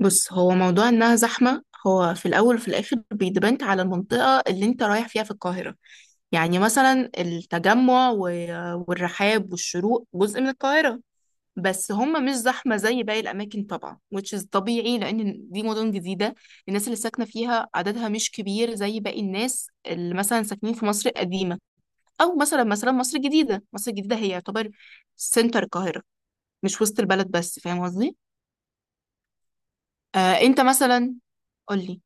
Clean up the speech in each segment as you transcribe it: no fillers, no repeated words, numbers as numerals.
بص، هو موضوع انها زحمة. هو في الاول وفي الاخر بيدبنت على المنطقة اللي انت رايح فيها في القاهرة. يعني مثلا التجمع والرحاب والشروق جزء من القاهرة. بس هم مش زحمة زي باقي الأماكن، طبعا which is طبيعي لأن دي مدن جديدة. الناس اللي ساكنة فيها عددها مش كبير زي باقي الناس اللي مثلا ساكنين في مصر القديمة. أو مثلا مصر الجديدة. مصر الجديدة هي يعتبر سنتر القاهرة، مش وسط البلد بس. فاهم قصدي؟ آه، أنت مثلا. قولي.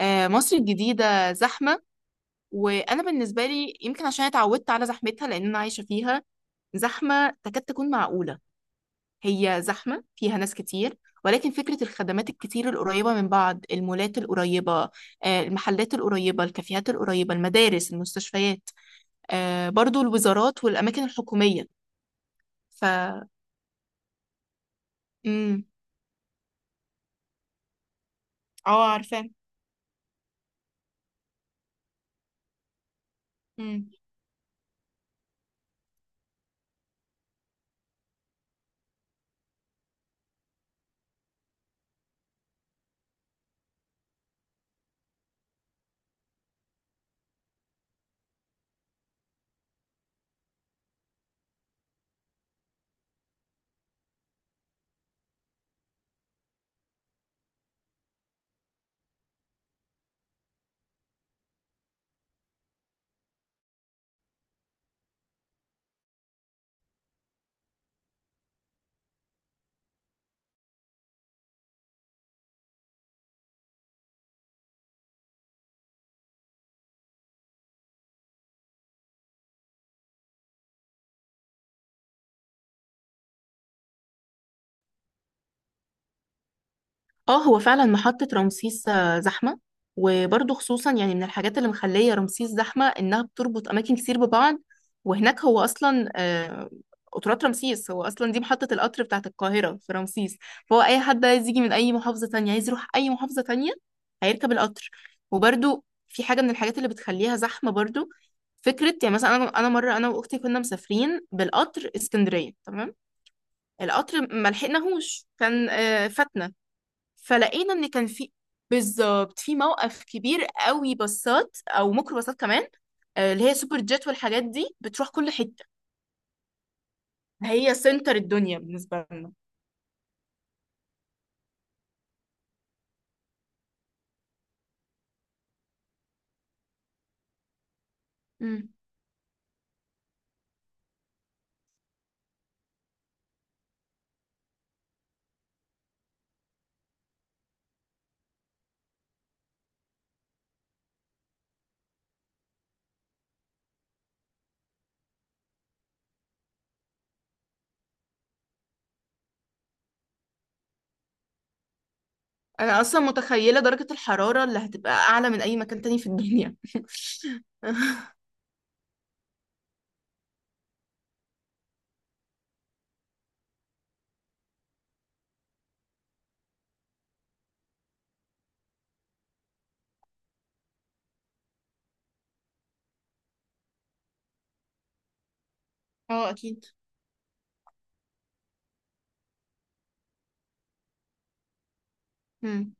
آه، مصر الجديدة زحمة. وأنا بالنسبة لي يمكن عشان اتعودت على زحمتها، لأن أنا عايشة فيها، زحمة تكاد تكون معقولة. هي زحمة فيها ناس كتير، ولكن فكرة الخدمات الكتير القريبة من بعض، المولات القريبة، المحلات القريبة، الكافيهات القريبة، المدارس، المستشفيات، برضو الوزارات والأماكن الحكومية. ف مم. اه، عارفة. مم. اه، هو فعلا محطة رمسيس زحمة. وبرضه خصوصا يعني من الحاجات اللي مخلية رمسيس زحمة إنها بتربط أماكن كتير ببعض. وهناك هو أصلا قطارات رمسيس، هو أصلا دي محطة القطر بتاعة القاهرة في رمسيس. فهو أي حد عايز يجي من أي محافظة تانية، عايز يروح أي محافظة تانية، هيركب القطر. وبرضه في حاجة من الحاجات اللي بتخليها زحمة برضه، فكرة يعني مثلا، أنا مرة أنا وأختي كنا مسافرين بالقطر اسكندرية. تمام. القطر ما لحقناهوش، كان فاتنا. فلقينا ان كان في، بالظبط، في موقف كبير قوي باصات او ميكرو باصات كمان، اللي هي سوبر جيت والحاجات دي، بتروح كل حتة. هي سنتر الدنيا بالنسبة لنا. مم. انا اصلا متخيلة درجة الحرارة اللي هتبقى اعلى من اي مكان تاني في الدنيا. اه، اكيد. مم.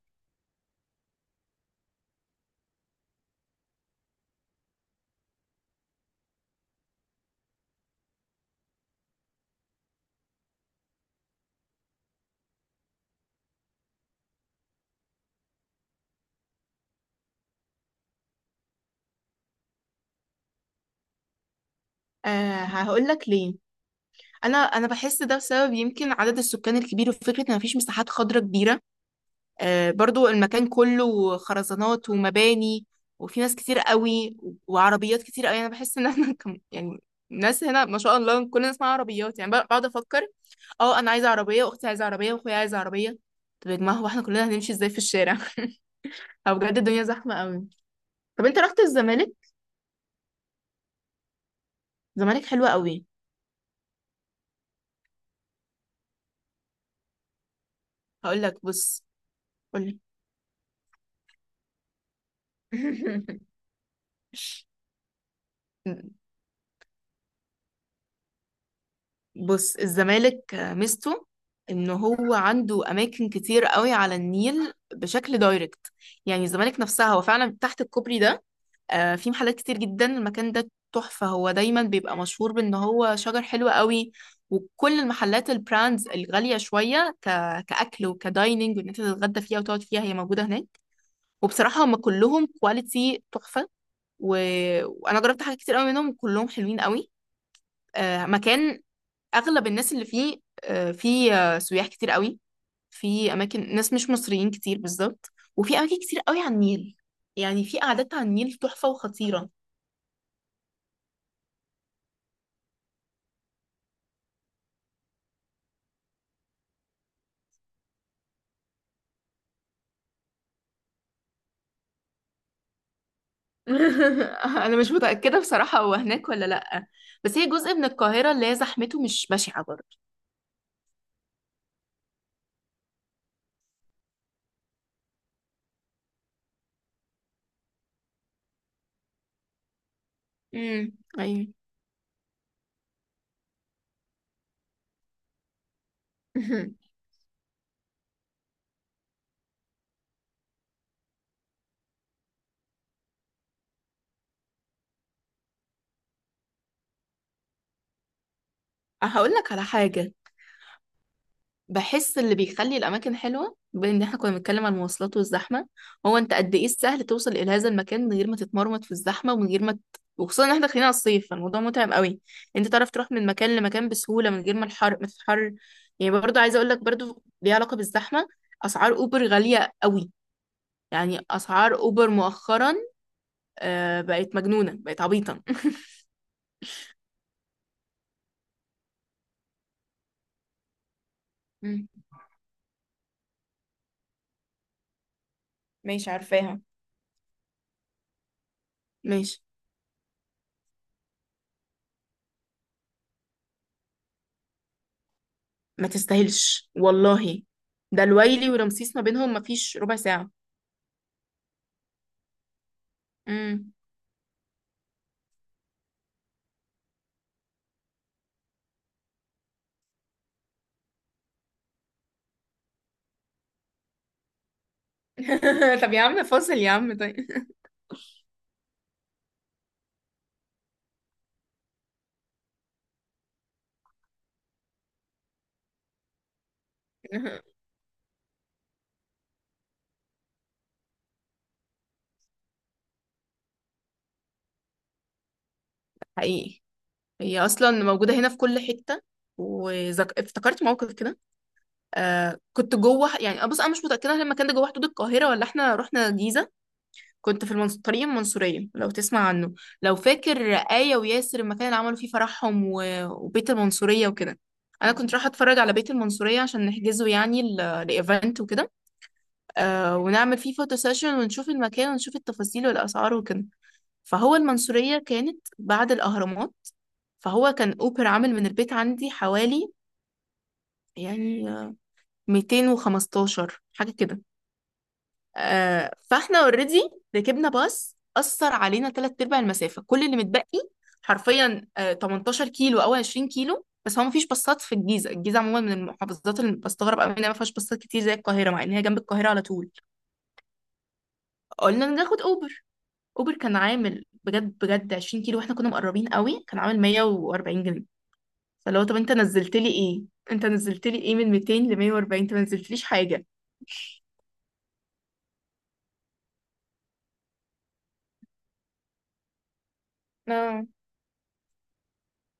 آه، هقول لك ليه. انا بحس ده بسبب يمكن عدد السكان الكبير، وفكره ان مفيش مساحات خضراء كبيره. برضو المكان كله خرزانات ومباني. وفي ناس كتير قوي وعربيات كتير قوي، انا بحس ان احنا كم يعني. الناس هنا ما شاء الله كلنا اسمها عربيات، يعني بقعد افكر، اه انا عايزه عربيه، واختي عايزه عربيه، واخويا عايز عربيه. طب يا جماعه، هو احنا كلنا هنمشي ازاي في الشارع؟ او بجد الدنيا زحمه قوي. طب انت رحت الزمالك؟ الزمالك حلوه قوي. هقول لك، بص. قول لي. بص، الزمالك ميزته ان هو عنده اماكن كتير قوي على النيل بشكل دايركت. يعني الزمالك نفسها، هو فعلا تحت الكوبري ده، في محلات كتير جدا. المكان ده تحفة، هو دايما بيبقى مشهور بان هو شجر حلو قوي. وكل المحلات، البراندز الغالية شوية، كأكل وكدايننج، وان انت تتغدى فيها وتقعد فيها، هي موجودة هناك. وبصراحة هم كلهم كواليتي تحفة. و... وانا جربت حاجات كتير قوي منهم، كلهم حلوين قوي. آه، مكان اغلب الناس اللي فيه، آه، في آه، سياح كتير قوي. في اماكن ناس مش مصريين كتير بالظبط. وفي اماكن كتير قوي على النيل، يعني في قعدات على النيل تحفة وخطيرة. انا مش متأكدة بصراحة هو هناك ولا لأ. بس هي جزء من القاهرة اللي هي زحمته مش بشعة برضه. امم، ايوه. هقول لك على حاجة. بحس اللي بيخلي الأماكن حلوة، بما إن إحنا كنا بنتكلم عن المواصلات والزحمة، هو أنت قد إيه السهل توصل إلى هذا المكان من غير ما تتمرمط في الزحمة، ومن غير ما وخصوصا إن إحنا داخلين على الصيف، فالموضوع متعب قوي. أنت تعرف تروح من مكان لمكان بسهولة من غير ما الحر ما تتحر. يعني برضه عايزة أقول لك برضه ليها علاقة بالزحمة. أسعار أوبر غالية قوي. يعني أسعار أوبر مؤخرا بقت مجنونة، بقت عبيطة. مم. ماشي، عارفاها. ماشي. ما تستاهلش والله. ده الويلي ورمسيس ما بينهم ما فيش ربع ساعة. امم. طب يا عم، فاصل يا عم، طيب. حقيقي، هي اصلا موجوده هنا في كل حته. افتكرت موقف كده. آه، كنت جوه، يعني بص، انا مش متاكده هل المكان ده جوه حدود القاهره ولا احنا رحنا الجيزه. كنت في طريق المنصوريه، لو تسمع عنه، لو فاكر آية وياسر المكان اللي عملوا فيه فرحهم، وبيت المنصوريه وكده. انا كنت رايحه اتفرج على بيت المنصوريه عشان نحجزه، يعني لايفنت وكده. آه، ونعمل فيه فوتو سيشن ونشوف المكان ونشوف التفاصيل والاسعار وكده. فهو المنصورية كانت بعد الأهرامات. فهو كان أوبر عامل من البيت عندي حوالي، يعني، 215 حاجة كده. آه، فاحنا اوريدي ركبنا باص، أثر علينا تلات أرباع المسافة، كل اللي متبقي حرفيا آه 18 كيلو أو 20 كيلو. بس هو مفيش باصات في الجيزة. الجيزة عموما من المحافظات اللي بستغرب أوي إنها مفيهاش باصات كتير زي القاهرة، مع إن هي جنب القاهرة على طول. قلنا ناخد أوبر. أوبر كان عامل بجد بجد 20 كيلو واحنا كنا مقربين قوي، كان عامل 140 جنيه. فلو طب انت نزلت لي ايه؟ انت نزلت لي ايه من 200 ل 140؟ انت ما نزلتليش حاجه. اه.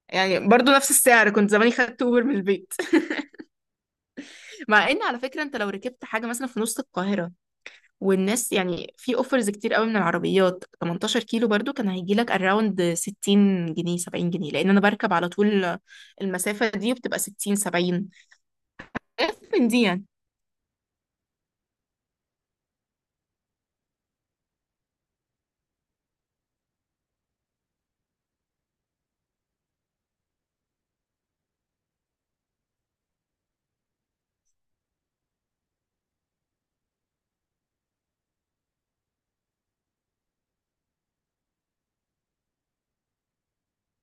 يعني برضو نفس السعر كنت زماني خدت اوبر من البيت. مع ان على فكره انت لو ركبت حاجه مثلا في نص القاهره، والناس يعني في اوفرز كتير قوي من العربيات، 18 كيلو برضو كان هيجي لك اراوند 60 جنيه 70 جنيه، لان انا بركب على طول المسافه دي وبتبقى 60 70. اف من دي، يعني.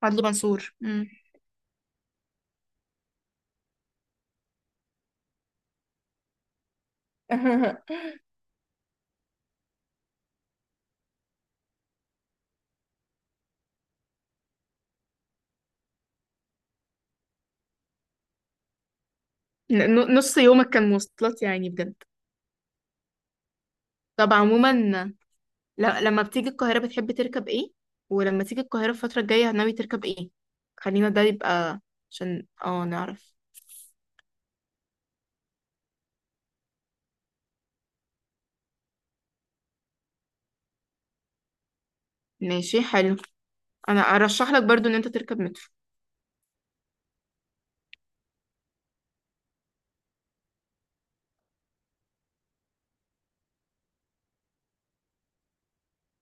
عدلي منصور. مم. نص يومك كان مواصلات، يعني بجد؟ طب عموما، لما بتيجي القاهرة بتحب تركب ايه؟ ولما تيجي القاهرة الفترة الجاية ناوي تركب ايه؟ خلينا ده يبقى عشان اه نعرف. ماشي، حلو. انا ارشح لك برضو ان انت تركب مترو.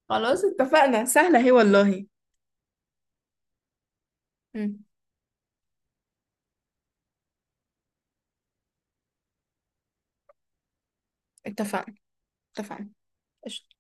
خلاص، اتفقنا، سهلة هي والله. مم. اتفقنا. اتفقنا. قشطة.